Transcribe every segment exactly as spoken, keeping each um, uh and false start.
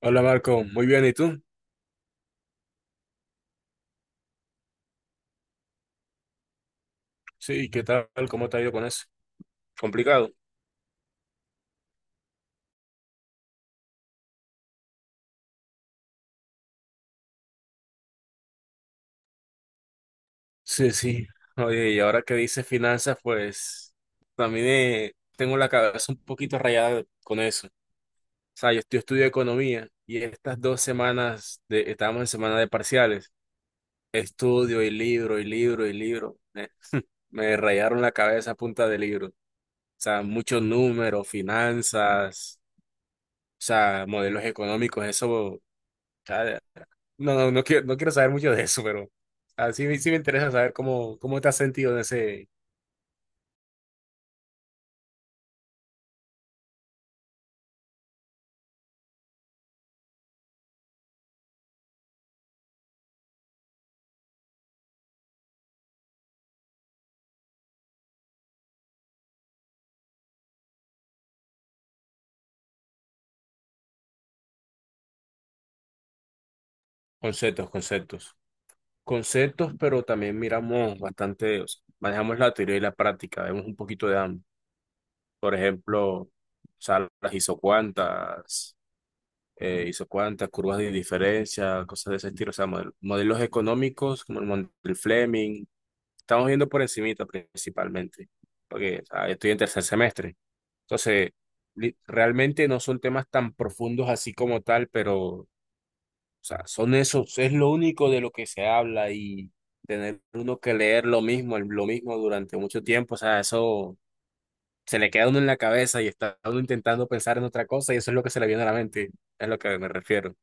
Hola Marco, muy bien, ¿y tú? Sí, ¿qué tal? ¿Cómo te ha ido con eso? Complicado. Sí, sí. Oye, y ahora que dices finanzas, pues también eh, tengo la cabeza un poquito rayada con eso. O sea, yo, yo estudio economía y estas dos semanas, de, estábamos en semana de parciales, estudio y libro y libro y libro. Eh, me rayaron la cabeza a punta de libro. O sea, muchos números, finanzas, o sea, modelos económicos, eso, o sea, no, no, no quiero, no quiero saber mucho de eso, pero así sí me- sí me interesa saber cómo, cómo te has sentido en ese. Conceptos, conceptos. Conceptos, pero también miramos bastante, o sea, manejamos la teoría y la práctica, vemos un poquito de ambos. Por ejemplo, o sea, las isocuantas, eh, isocuantas, curvas de indiferencia, cosas de ese estilo, o sea, model- modelos económicos como el mon- el Fleming. Estamos viendo por encimita principalmente, porque, o sea, estoy en tercer semestre. Entonces, li- realmente no son temas tan profundos así como tal, pero, o sea, son esos, es lo único de lo que se habla, y tener uno que leer lo mismo, el- lo mismo durante mucho tiempo, o sea, eso se le queda a uno en la cabeza y está uno intentando pensar en otra cosa y eso es lo que se le viene a la mente, es lo que me refiero.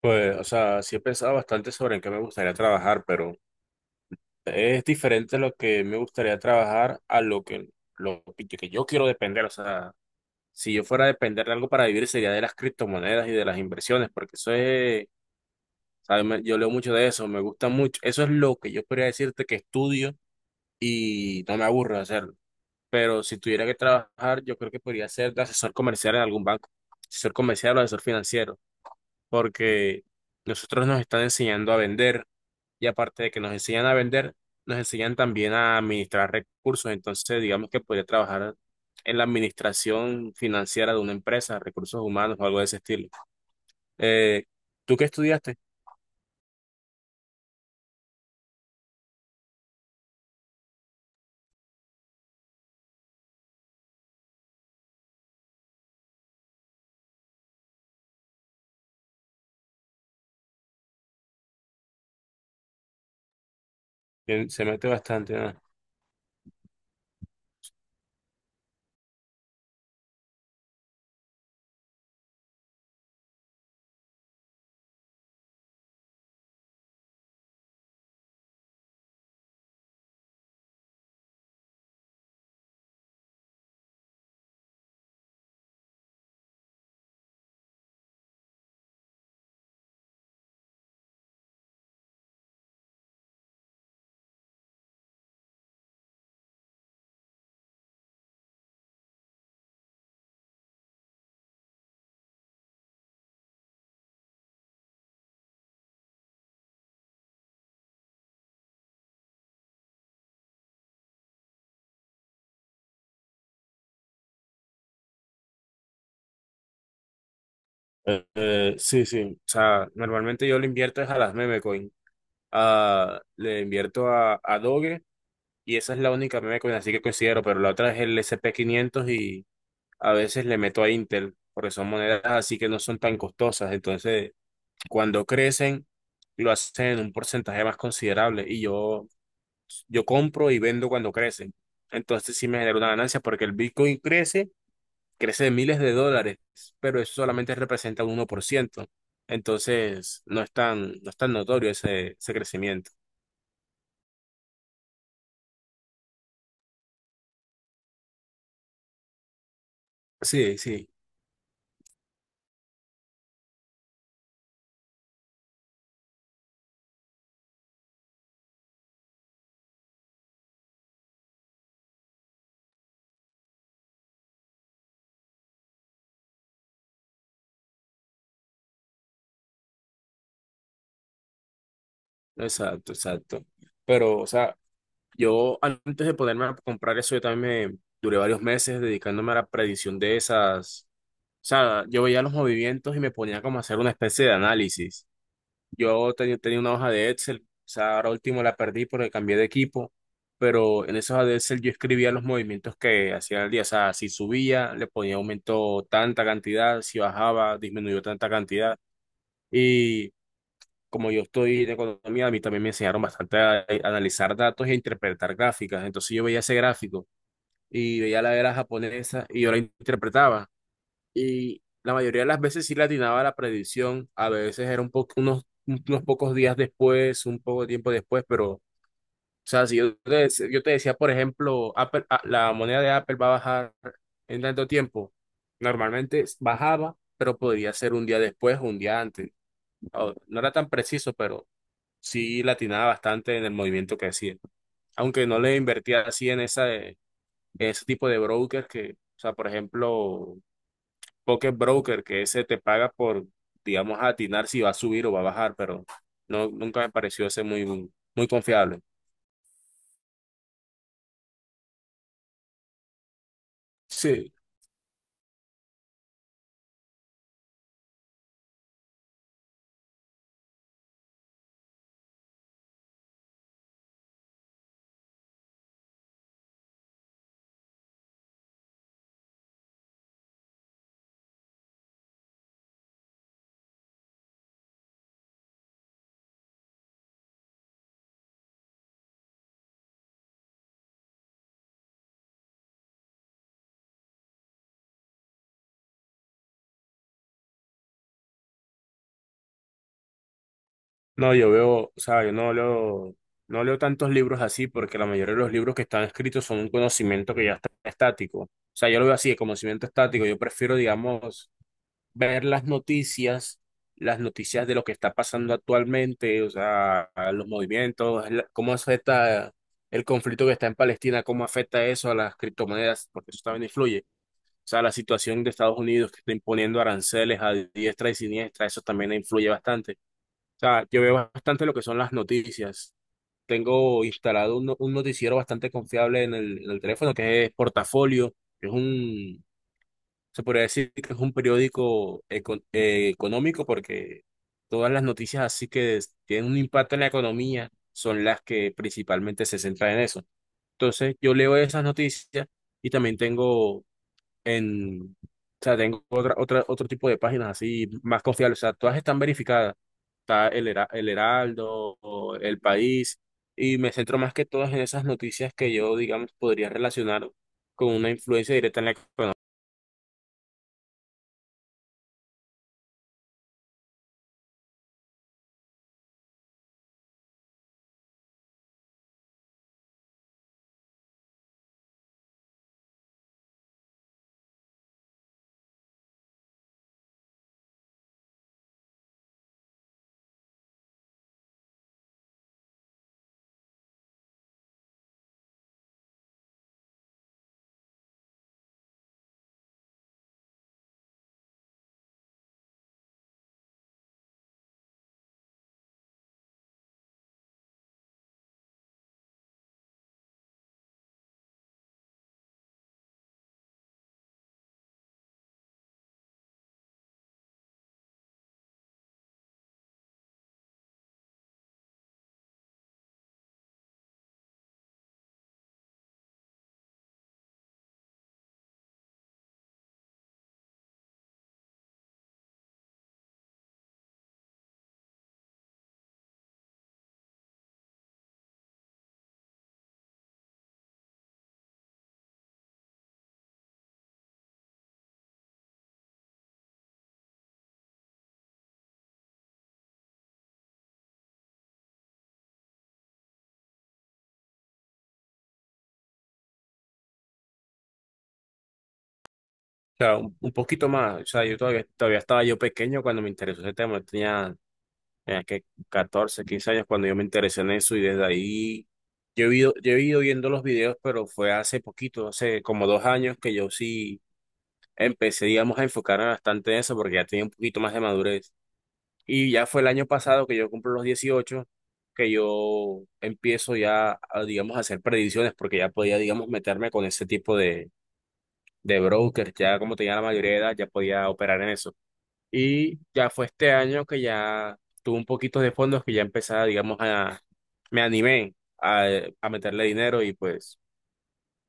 Pues, o sea, sí he pensado bastante sobre en qué me gustaría trabajar, pero es diferente lo que me gustaría trabajar a lo que, lo que yo quiero depender, o sea. Si yo fuera a depender de algo para vivir sería de las criptomonedas y de las inversiones, porque eso es, ¿sabes? Me- Yo leo mucho de eso, me gusta mucho. Eso es lo que yo podría decirte que estudio y no me aburro de hacerlo. Pero si tuviera que trabajar, yo creo que podría ser de asesor comercial en algún banco, asesor comercial o asesor financiero, porque nosotros nos están enseñando a vender, y aparte de que nos enseñan a vender, nos enseñan también a administrar recursos. Entonces, digamos que podría trabajar en la administración financiera de una empresa, recursos humanos o algo de ese estilo. Eh, ¿Tú qué estudiaste? Que se mete bastante, ¿no? Eh, eh, sí, sí. O sea, normalmente yo le invierto es a las meme coin. Ah, le invierto a, a Doge, y esa es la única meme coin, así que considero, pero la otra es el S and P quinientos, y a veces le meto a Intel porque son monedas así que no son tan costosas. Entonces, cuando crecen, lo hacen en un porcentaje más considerable y yo, yo compro y vendo cuando crecen. Entonces sí me genera una ganancia porque el Bitcoin crece, crece de miles de dólares, pero eso solamente representa un uno por ciento. Entonces no es tan, no es tan notorio ese, ese crecimiento. Sí, sí, exacto, exacto. Pero, o sea, yo antes de ponerme a comprar eso, yo también me duré varios meses dedicándome a la predicción de esas. O sea, yo veía los movimientos y me ponía como a hacer una especie de análisis. Yo tenía, tenía una hoja de Excel, o sea, ahora último la perdí porque cambié de equipo, pero en esa hoja de Excel yo escribía los movimientos que hacía el día. O sea, si subía, le ponía aumento tanta cantidad, si bajaba, disminuyó tanta cantidad. Y como yo estoy en economía, a mí también me enseñaron bastante a, a analizar datos e interpretar gráficas. Entonces yo veía ese gráfico y veía la era japonesa y yo la interpretaba. Y la mayoría de las veces sí le atinaba a la predicción, a veces era un po- unos, unos pocos días después, un poco de tiempo después, pero, o sea, si yo te, dec- yo te decía, por ejemplo, Apple- a- la moneda de Apple va a bajar en tanto tiempo, normalmente bajaba, pero podría ser un día después o un día antes. O- No era tan preciso, pero sí le atinaba bastante en el movimiento que hacía. Aunque no le invertía así en, esa, en ese tipo de brokers que, o sea, por ejemplo, Pocket Broker, que ese te paga por, digamos, atinar si va a subir o va a bajar, pero no, nunca me pareció ese muy, muy confiable. Sí. No, yo veo, o sea, yo no leo, no leo tantos libros así porque la mayoría de los libros que están escritos son un conocimiento que ya está estático. O sea, yo lo veo así, el conocimiento estático. Yo prefiero, digamos, ver las noticias, las noticias de lo que está pasando actualmente, o sea, a los movimientos, la- cómo afecta el conflicto que está en Palestina, cómo afecta eso a las criptomonedas, porque eso también influye. O sea, la situación de Estados Unidos que está imponiendo aranceles a diestra y siniestra, eso también influye bastante. O sea, yo veo bastante lo que son las noticias. Tengo instalado un, no- un noticiero bastante confiable en el, en el teléfono, que es Portafolio, que es un, se podría decir que es un periódico eco- eh, económico, porque todas las noticias así que es- tienen un impacto en la economía son las que principalmente se centran en eso. Entonces yo leo esas noticias y también tengo en, o sea, tengo otra, otra, otro tipo de páginas así más confiables. O sea, todas están verificadas. Está el, Hera- el Heraldo, o El País, y me centro más que todas en esas noticias que yo, digamos, podría relacionar con una influencia directa en la economía. Sea, un, un poquito más. O sea, yo todavía, todavía estaba yo pequeño cuando me interesó ese tema. Yo tenía, tenía que catorce, quince años cuando yo me interesé en eso y desde ahí yo he ido, yo he ido viendo los videos, pero fue hace poquito, hace como dos años, que yo sí empecé, digamos, a enfocarme bastante en eso porque ya tenía un poquito más de madurez. Y ya fue el año pasado que yo cumplo los dieciocho, que yo empiezo ya, a, digamos, a hacer predicciones porque ya podía, digamos, meterme con ese tipo de de broker, ya como tenía la mayoría de edad, ya podía operar en eso. Y ya fue este año que ya tuve un poquito de fondos, que ya empezaba, digamos, a, me animé a, a meterle dinero, y pues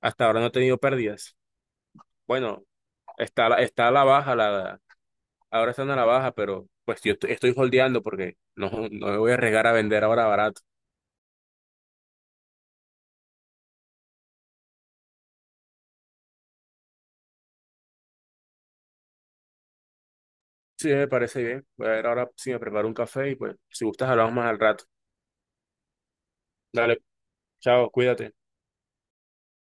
hasta ahora no he tenido pérdidas. Bueno, está, a la- está a la baja, la, ahora están a la baja, pero pues yo estoy, estoy holdeando porque no, no me voy a arriesgar a vender ahora barato. Sí, me parece bien. Voy a ver ahora si me preparo un café y pues si gustas hablamos más al rato. Dale, chao, cuídate.